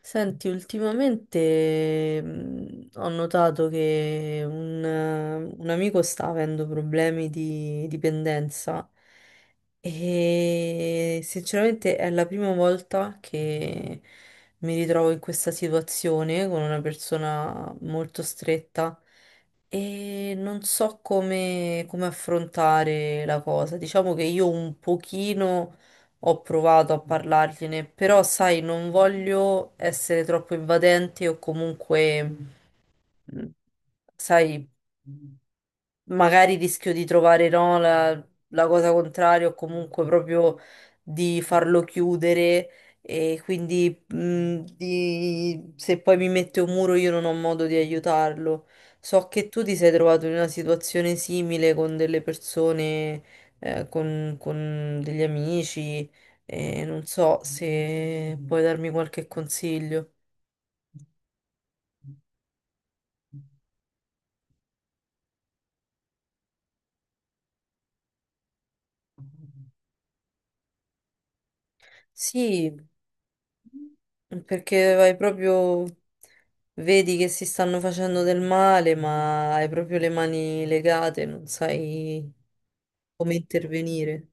Senti, ultimamente ho notato che un amico sta avendo problemi di dipendenza e sinceramente è la prima volta che mi ritrovo in questa situazione con una persona molto stretta e non so come affrontare la cosa. Diciamo che io un pochino ho provato a parlargliene, però sai, non voglio essere troppo invadente o comunque, mm, sai magari rischio di trovare no, la cosa contraria o comunque proprio di farlo chiudere e quindi se poi mi mette un muro io non ho modo di aiutarlo. So che tu ti sei trovato in una situazione simile con delle persone, con degli amici e non so se puoi darmi qualche consiglio. Sì. Perché vai proprio, vedi che si stanno facendo del male, ma hai proprio le mani legate, non sai come intervenire.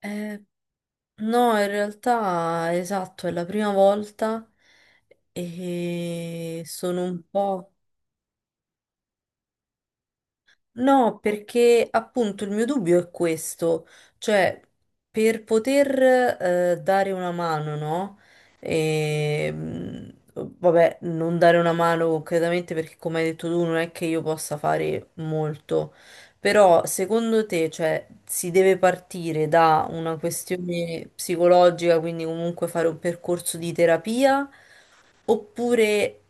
Eh, no, in realtà, esatto, è la prima volta e sono un po'. No, perché appunto il mio dubbio è questo, cioè per poter dare una mano, no? Vabbè, non dare una mano concretamente perché come hai detto tu non è che io possa fare molto, però secondo te, cioè, si deve partire da una questione psicologica, quindi comunque fare un percorso di terapia? Oppure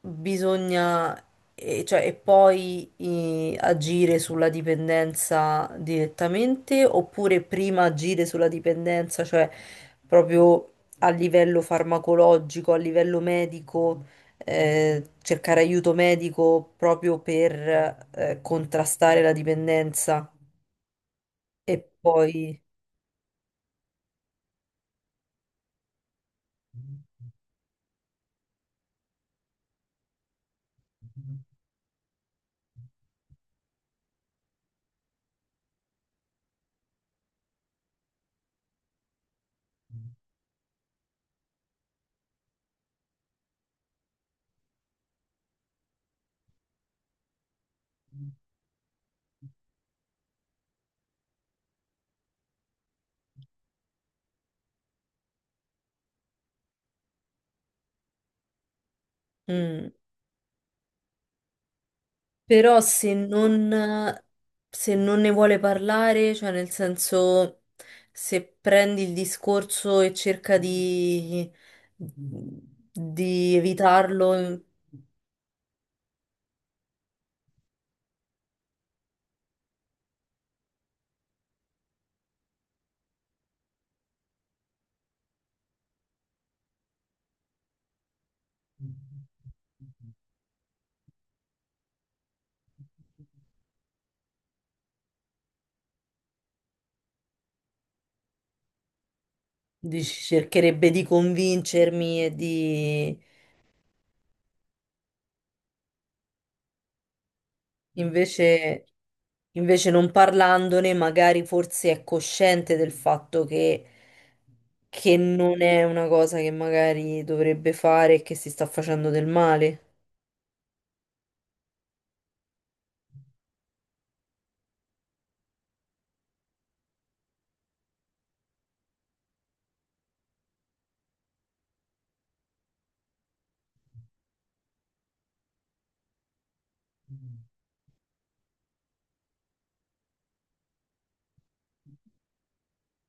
bisogna, e, cioè, e poi agire sulla dipendenza direttamente, oppure prima agire sulla dipendenza, cioè proprio a livello farmacologico, a livello medico, cercare aiuto medico proprio per contrastare la dipendenza e poi... Mm. Però se non ne vuole parlare, cioè nel senso se prendi il discorso e cerca di evitarlo, cercherebbe di convincermi e di invece, invece non parlandone, magari forse è cosciente del fatto che non è una cosa che magari dovrebbe fare e che si sta facendo del male.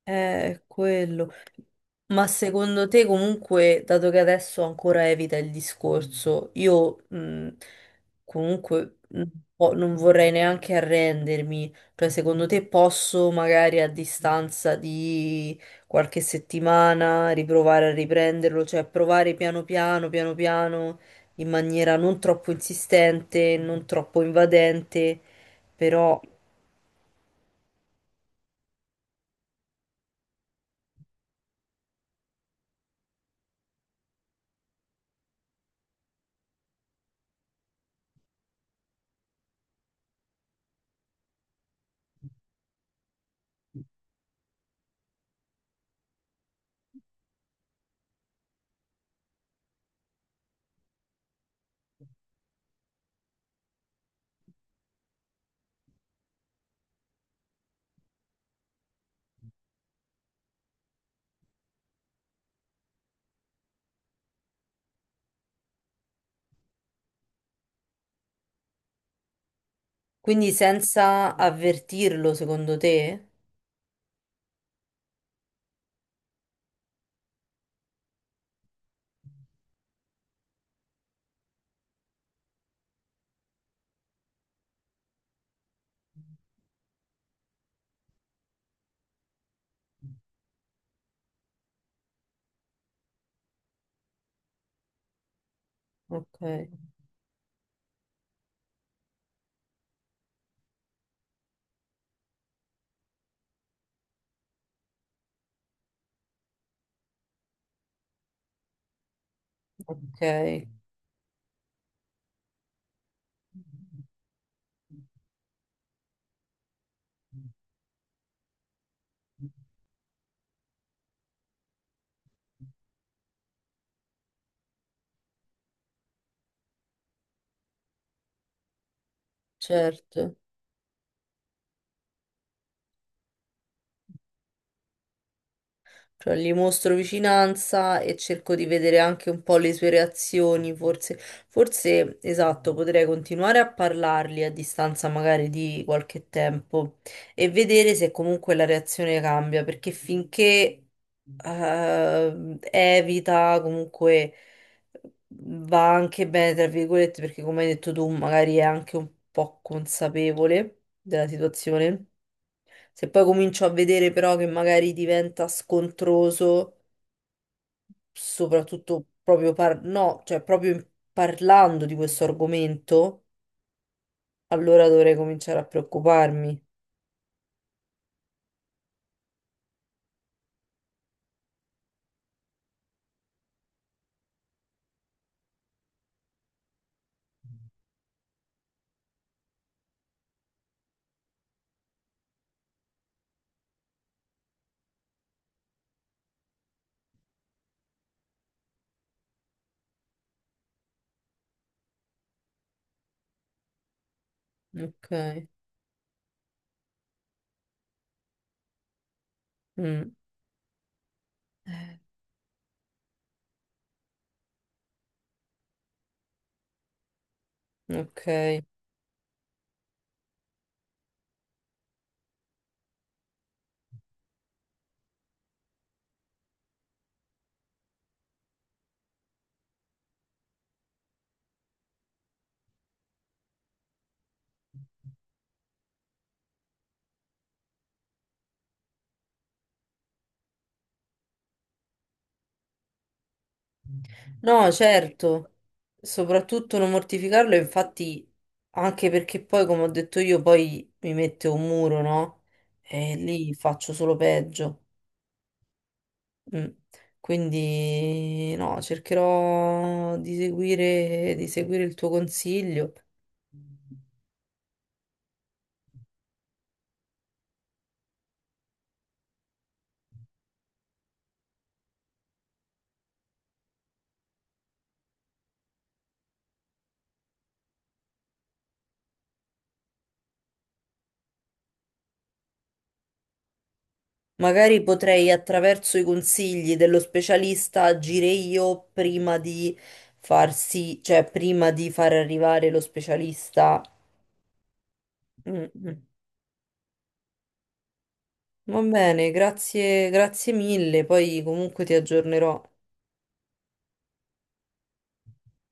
È quello. Ma secondo te comunque, dato che adesso ancora evita il discorso, io comunque non vorrei neanche arrendermi, cioè secondo te posso magari a distanza di qualche settimana riprovare a riprenderlo, cioè provare piano piano, piano piano, in maniera non troppo insistente, non troppo invadente, però quindi senza avvertirlo, secondo te? Ok, ok, certo. Cioè, gli mostro vicinanza e cerco di vedere anche un po' le sue reazioni, forse esatto, potrei continuare a parlargli a distanza magari di qualche tempo e vedere se comunque la reazione cambia, perché finché evita, comunque va anche bene, tra virgolette, perché come hai detto tu, magari è anche un po' consapevole della situazione. Se poi comincio a vedere però che magari diventa scontroso, soprattutto proprio no, cioè proprio parlando di questo argomento, allora dovrei cominciare a preoccuparmi. Ok. Mm, ok. No, certo. Soprattutto non mortificarlo, infatti, anche perché poi, come ho detto io, poi mi mette un muro, no? E lì faccio solo peggio. Mm. Quindi no, cercherò di seguire il tuo consiglio. Magari potrei attraverso i consigli dello specialista agire io prima di farsi, cioè prima di far arrivare lo specialista. Mm, mm. Va bene, grazie, grazie mille. Poi comunque ti aggiornerò.